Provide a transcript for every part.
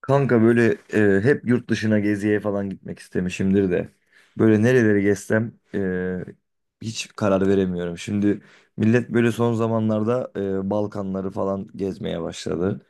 Kanka hep yurt dışına geziye falan gitmek istemişimdir de. Böyle nereleri gezsem, hiç karar veremiyorum. Şimdi millet böyle son zamanlarda Balkanları falan gezmeye başladı.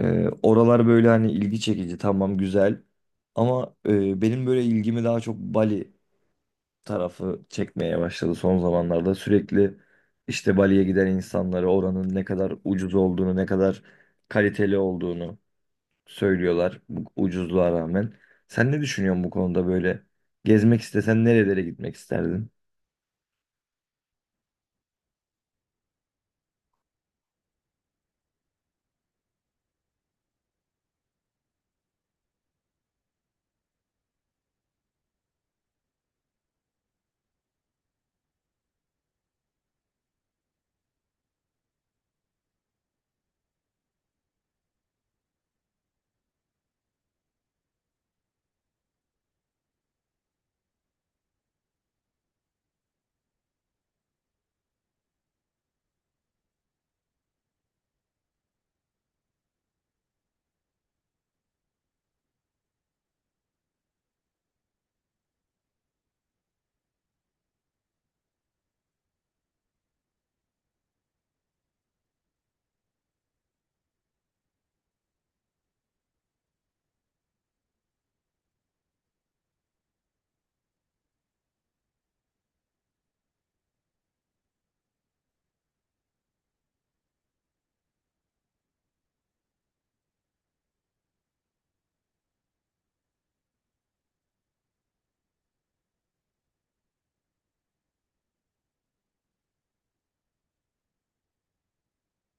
Oralar böyle hani ilgi çekici tamam güzel. Ama benim böyle ilgimi daha çok Bali tarafı çekmeye başladı son zamanlarda. Sürekli işte Bali'ye giden insanları oranın ne kadar ucuz olduğunu ne kadar kaliteli olduğunu söylüyorlar bu ucuzluğa rağmen. Sen ne düşünüyorsun bu konuda böyle? Gezmek istesen nerelere gitmek isterdin?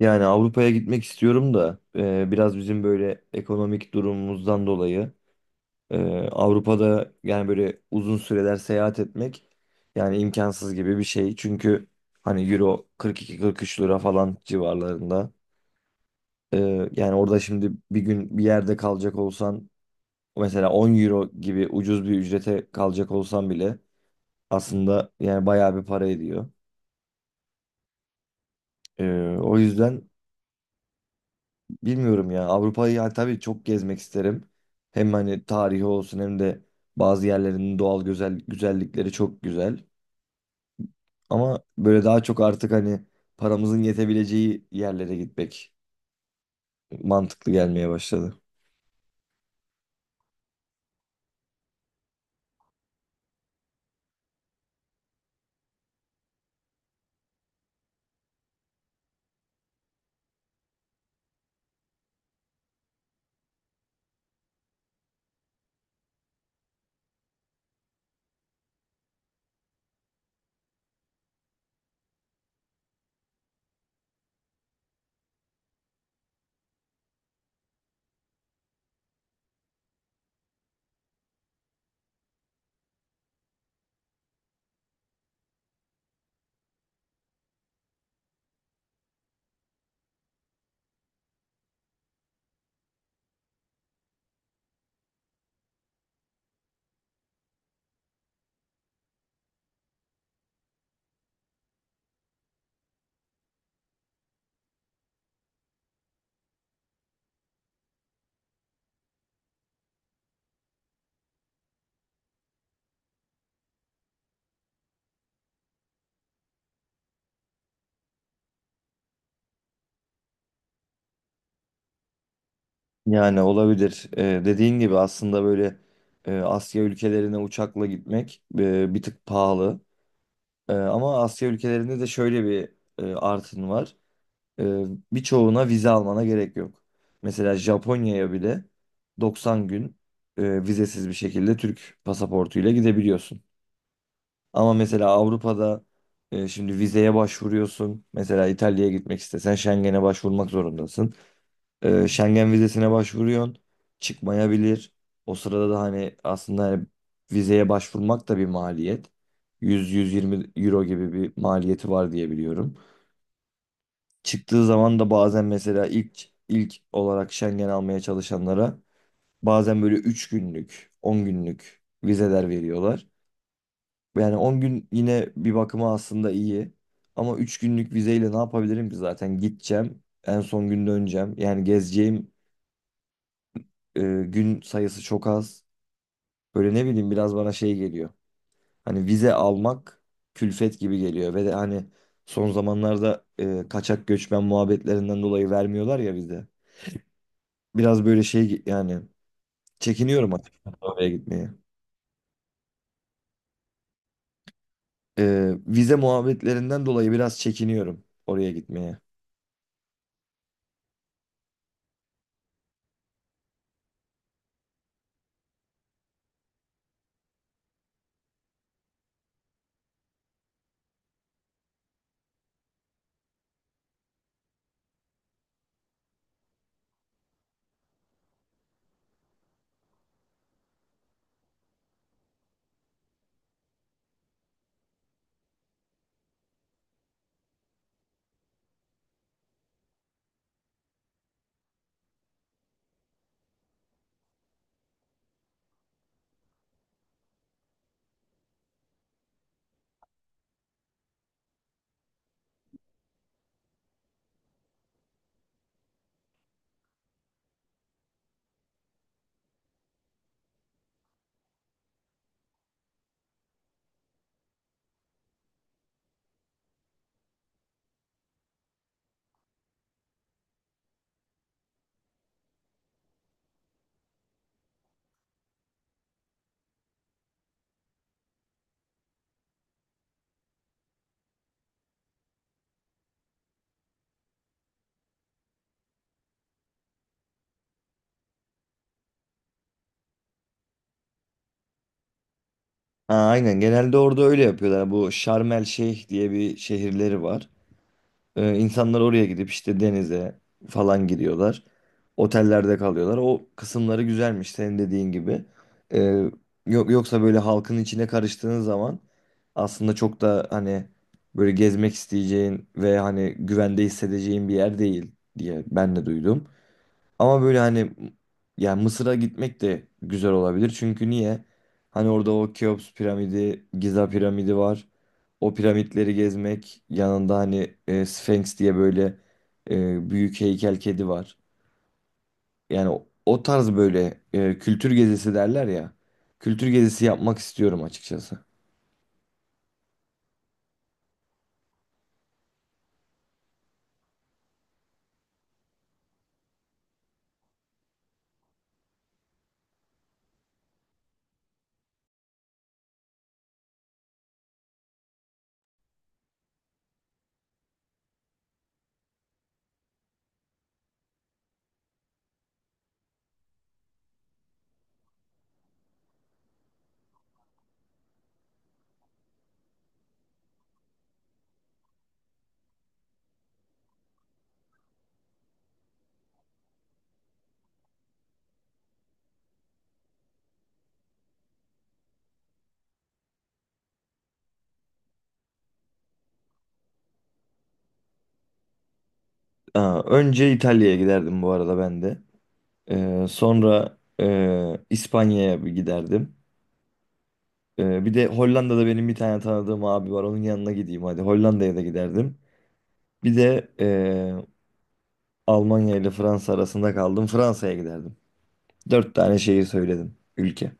Yani Avrupa'ya gitmek istiyorum da biraz bizim böyle ekonomik durumumuzdan dolayı e, Avrupa'da yani böyle uzun süreler seyahat etmek yani imkansız gibi bir şey. Çünkü hani Euro 42-43 lira falan civarlarında. E, Yani orada şimdi bir gün bir yerde kalacak olsan mesela 10 Euro gibi ucuz bir ücrete kalacak olsan bile aslında yani bayağı bir para ediyor. O yüzden bilmiyorum ya Avrupa'yı yani tabii çok gezmek isterim. Hem hani tarihi olsun hem de bazı yerlerinin doğal güzel güzellikleri çok güzel. Ama böyle daha çok artık hani paramızın yetebileceği yerlere gitmek mantıklı gelmeye başladı. Yani olabilir. Dediğin gibi aslında böyle Asya ülkelerine uçakla gitmek bir tık pahalı. Ama Asya ülkelerinde de şöyle bir artın var. Ee, Birçoğuna vize almana gerek yok. Mesela Japonya'ya bile 90 gün vizesiz bir şekilde Türk pasaportuyla gidebiliyorsun. Ama mesela Avrupa'da şimdi vizeye başvuruyorsun. Mesela İtalya'ya gitmek istesen Schengen'e başvurmak zorundasın. Schengen vizesine başvuruyorsun. Çıkmayabilir. O sırada da hani aslında hani vizeye başvurmak da bir maliyet. 100-120 euro gibi bir maliyeti var diye biliyorum. Çıktığı zaman da bazen mesela ilk olarak Schengen almaya çalışanlara bazen böyle 3 günlük, 10 günlük vizeler veriyorlar. Yani 10 gün yine bir bakıma aslında iyi. Ama 3 günlük vizeyle ne yapabilirim ki zaten gideceğim, en son gün döneceğim. Yani gezeceğim gün sayısı çok az. Böyle ne bileyim biraz bana şey geliyor. Hani vize almak külfet gibi geliyor ve de hani son zamanlarda kaçak göçmen muhabbetlerinden dolayı vermiyorlar ya vize. Biraz böyle şey yani çekiniyorum açıkçası oraya gitmeye. Vize muhabbetlerinden dolayı biraz çekiniyorum oraya gitmeye. Ha, aynen genelde orada öyle yapıyorlar. Bu şarmel El Şeyh diye bir şehirleri var. İnsanlar oraya gidip işte denize falan gidiyorlar. Otellerde kalıyorlar. O kısımları güzelmiş senin dediğin gibi. Ee, Yok yoksa böyle halkın içine karıştığın zaman aslında çok da hani böyle gezmek isteyeceğin ve hani güvende hissedeceğin bir yer değil diye ben de duydum. Ama böyle hani yani Mısır'a gitmek de güzel olabilir. Çünkü niye? Hani orada o Keops piramidi, Giza piramidi var. O piramitleri gezmek, yanında hani Sphinx diye böyle büyük heykel kedi var. Yani o tarz böyle kültür gezisi derler ya. Kültür gezisi yapmak istiyorum açıkçası. Aa, önce İtalya'ya giderdim bu arada ben de. Sonra İspanya'ya bir giderdim. Bir de Hollanda'da benim bir tane tanıdığım abi var. Onun yanına gideyim hadi. Hollanda'ya da giderdim. Bir de Almanya ile Fransa arasında kaldım. Fransa'ya giderdim. Dört tane şehir söyledim. Ülke.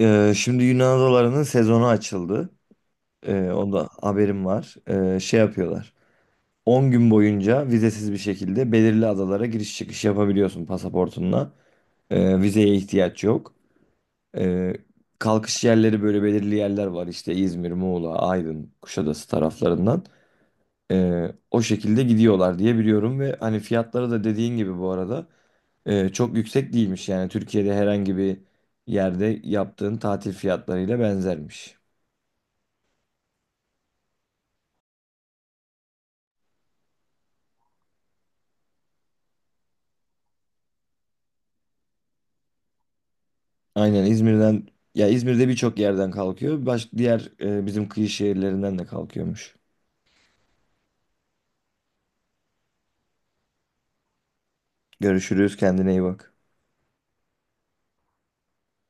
Şimdi Yunan adalarının sezonu açıldı. Onda haberim var. Şey yapıyorlar. 10 gün boyunca vizesiz bir şekilde belirli adalara giriş çıkış yapabiliyorsun pasaportunla. Vizeye ihtiyaç yok. Ee, Kalkış yerleri böyle belirli yerler var işte İzmir, Muğla, Aydın, Kuşadası taraflarından. O şekilde gidiyorlar diye biliyorum ve hani fiyatları da dediğin gibi bu arada çok yüksek değilmiş. Yani Türkiye'de herhangi bir yerde yaptığın tatil fiyatlarıyla benzermiş. Aynen İzmir'den ya İzmir'de birçok yerden kalkıyor. Baş, diğer bizim kıyı şehirlerinden de kalkıyormuş. Görüşürüz kendine iyi bak.